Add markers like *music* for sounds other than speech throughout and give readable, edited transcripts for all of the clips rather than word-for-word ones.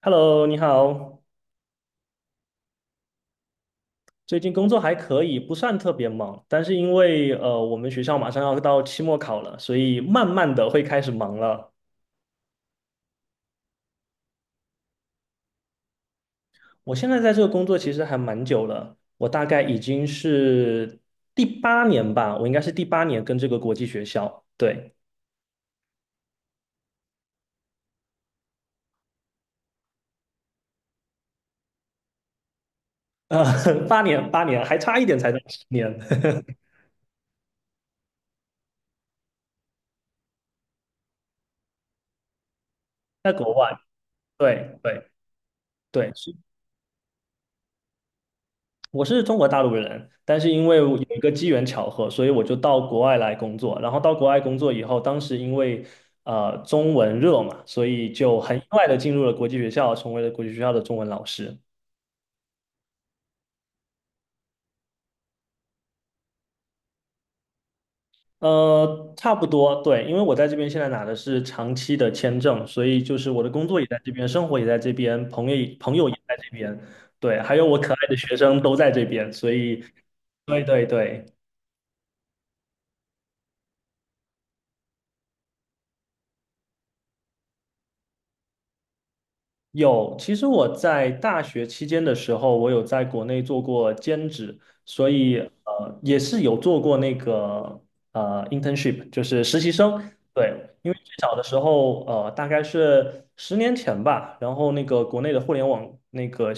Hello，你好。最近工作还可以，不算特别忙，但是因为我们学校马上要到期末考了，所以慢慢的会开始忙了。我现在在这个工作其实还蛮久了，我大概已经是第八年吧，我应该是第八年跟这个国际学校，对，呃，*laughs* 8年8年，还差一点才到十年，*laughs* 在国外，对对对，我是中国大陆人，但是因为我有一个机缘巧合，所以我就到国外来工作。然后到国外工作以后，当时因为中文热嘛，所以就很意外的进入了国际学校，成为了国际学校的中文老师。差不多，对，因为我在这边现在拿的是长期的签证，所以就是我的工作也在这边，生活也在这边，朋友也在这边，对，还有我可爱的学生都在这边，所以对对对。有，其实我在大学期间的时候，我有在国内做过兼职，所以也是有做过那个internship，就是实习生。对，因为最早的时候，大概是10年前吧，然后那个国内的互联网那个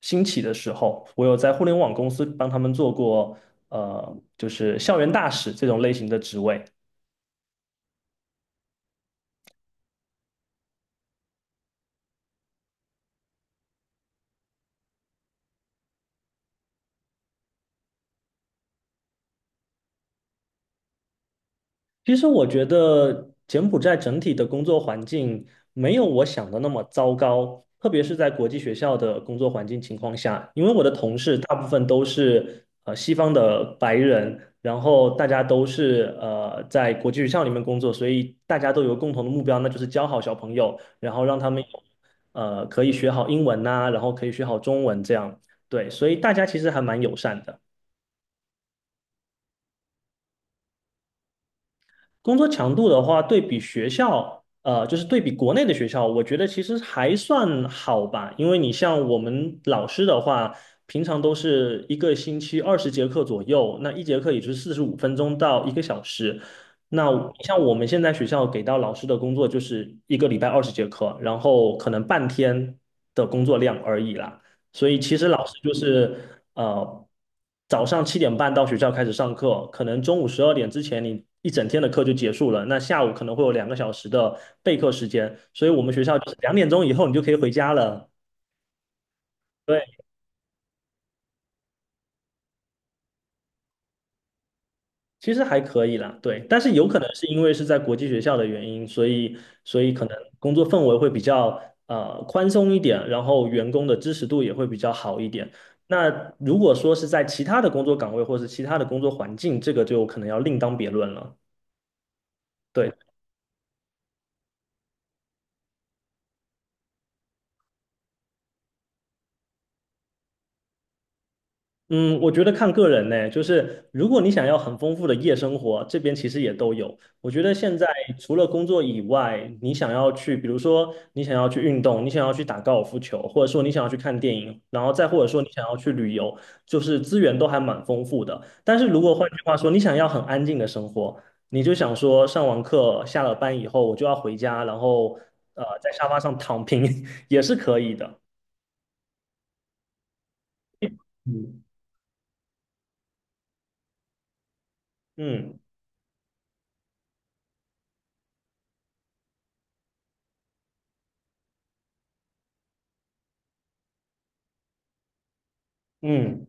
兴起的时候，我有在互联网公司帮他们做过就是校园大使这种类型的职位。其实我觉得柬埔寨整体的工作环境没有我想的那么糟糕，特别是在国际学校的工作环境情况下，因为我的同事大部分都是西方的白人，然后大家都是在国际学校里面工作，所以大家都有共同的目标，那就是教好小朋友，然后让他们有可以学好英文呐、然后可以学好中文这样，对，所以大家其实还蛮友善的。工作强度的话，对比学校，就是对比国内的学校，我觉得其实还算好吧。因为你像我们老师的话，平常都是一个星期二十节课左右，那一节课也就是45分钟到一个小时。那你像我们现在学校给到老师的工作，就是一个礼拜二十节课，然后可能半天的工作量而已啦。所以其实老师就是呃，早上7:30到学校开始上课，可能中午12点之前你一整天的课就结束了，那下午可能会有2个小时的备课时间，所以我们学校就是2点钟以后你就可以回家了。对，其实还可以啦，对，但是有可能是因为是在国际学校的原因，所以可能工作氛围会比较宽松一点，然后员工的支持度也会比较好一点。那如果说是在其他的工作岗位或是其他的工作环境，这个就可能要另当别论了。对。嗯，我觉得看个人呢，就是如果你想要很丰富的夜生活，这边其实也都有。我觉得现在除了工作以外，你想要去，比如说你想要去运动，你想要去打高尔夫球，或者说你想要去看电影，然后再或者说你想要去旅游，就是资源都还蛮丰富的。但是如果换句话说，你想要很安静的生活，你就想说上完课下了班以后我就要回家，然后在沙发上躺平 *laughs* 也是可以的。嗯嗯嗯。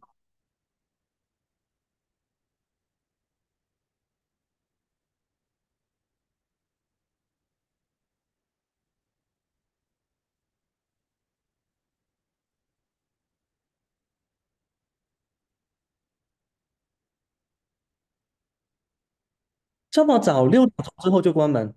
这么早，6点钟之后就关门，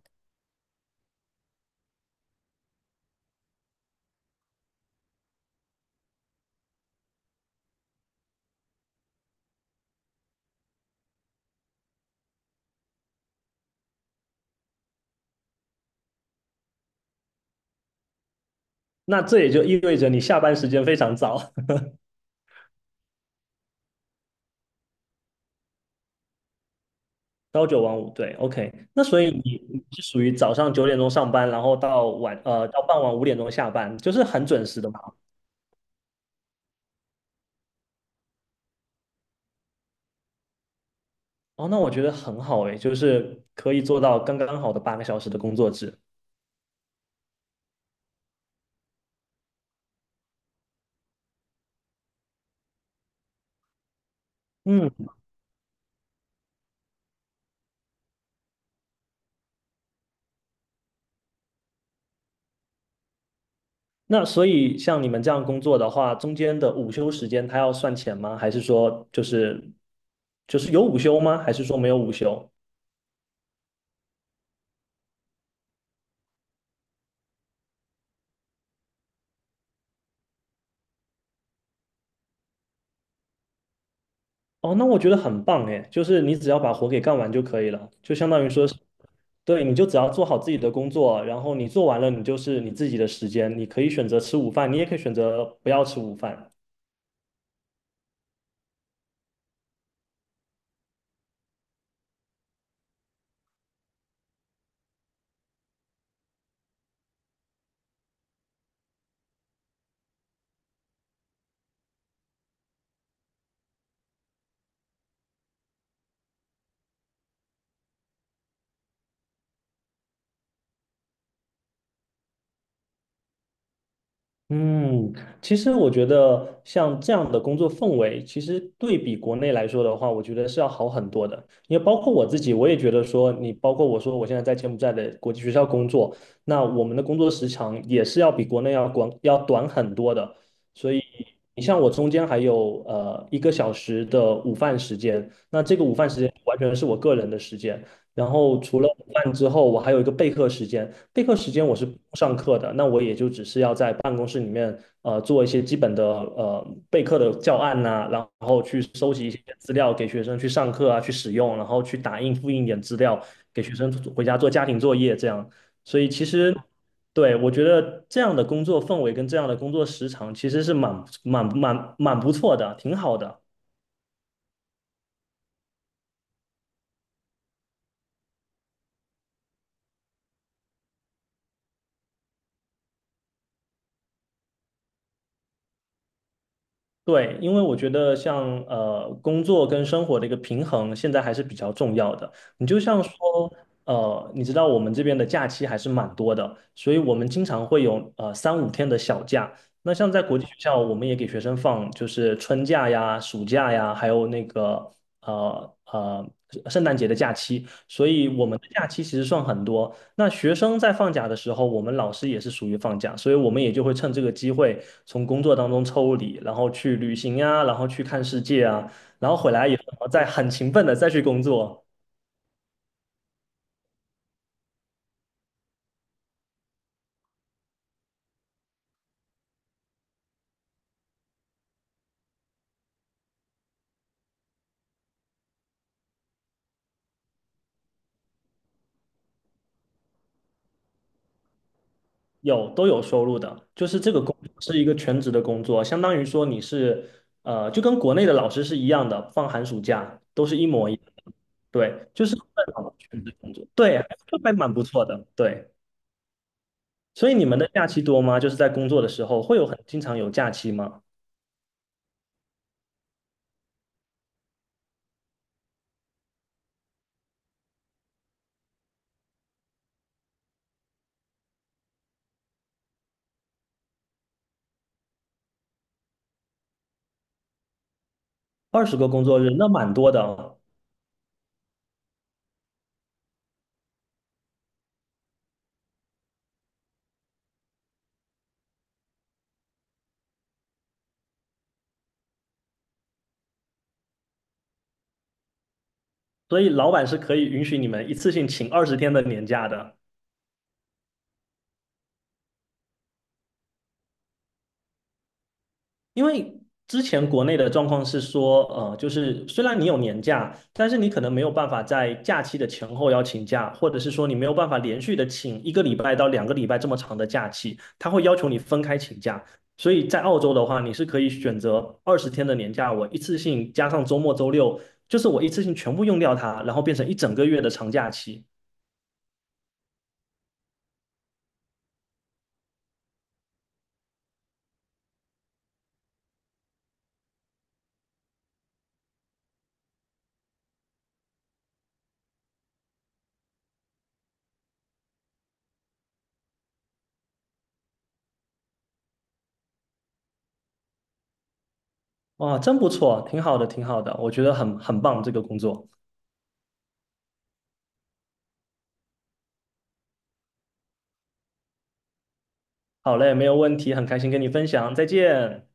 那这也就意味着你下班时间非常早，*laughs* 朝九晚五。对，OK。那所以你是属于早上9点钟上班，然后到傍晚5点钟下班，就是很准时的嘛。哦，那我觉得很好诶，就是可以做到刚刚好的8个小时的工作制。嗯，那所以像你们这样工作的话，中间的午休时间他要算钱吗？还是说就是有午休吗？还是说没有午休？哦，那我觉得很棒诶，就是你只要把活给干完就可以了，就相当于说是，对，你就只要做好自己的工作，然后你做完了，你就是你自己的时间，你可以选择吃午饭，你也可以选择不要吃午饭。嗯，其实我觉得像这样的工作氛围，其实对比国内来说的话，我觉得是要好很多的。因为包括我自己，我也觉得说，你包括我说我现在在柬埔寨的国际学校工作，那我们的工作时长也是要比国内要广要短很多的。所以。你像我中间还有一个小时的午饭时间，那这个午饭时间完全是我个人的时间。然后除了午饭之后，我还有一个备课时间。备课时间我是不上课的，那我也就只是要在办公室里面做一些基本的备课的教案呐、然后去收集一些资料给学生去上课啊，去使用，然后去打印复印点资料给学生回家做家庭作业这样。所以其实。对，我觉得这样的工作氛围跟这样的工作时长其实是蛮不错的，挺好的。对，因为我觉得像工作跟生活的一个平衡，现在还是比较重要的。你就像说你知道我们这边的假期还是蛮多的，所以我们经常会有三五天的小假。那像在国际学校，我们也给学生放就是春假呀、暑假呀，还有那个呃呃圣诞节的假期。所以我们的假期其实算很多。那学生在放假的时候，我们老师也是属于放假，所以我们也就会趁这个机会从工作当中抽离，然后去旅行呀，然后去看世界啊，然后回来以后再很勤奋的再去工作，有都有收入的。就是这个工作是一个全职的工作，相当于说你是就跟国内的老师是一样的，放寒暑假都是一模一样的。对，就是全职工作，对，还蛮不错的，对。所以你们的假期多吗？就是在工作的时候会有很经常有假期吗？20个工作日，那蛮多的哦。所以老板是可以允许你们一次性请二十天的年假的。因为之前国内的状况是说，就是虽然你有年假，但是你可能没有办法在假期的前后要请假，或者是说你没有办法连续的请一个礼拜到2个礼拜这么长的假期，他会要求你分开请假。所以在澳洲的话，你是可以选择二十天的年假，我一次性加上周末、周六，就是我一次性全部用掉它，然后变成一整个月的长假期。哇，真不错，挺好的，挺好的，我觉得很棒这个工作。好嘞，没有问题，很开心跟你分享，再见。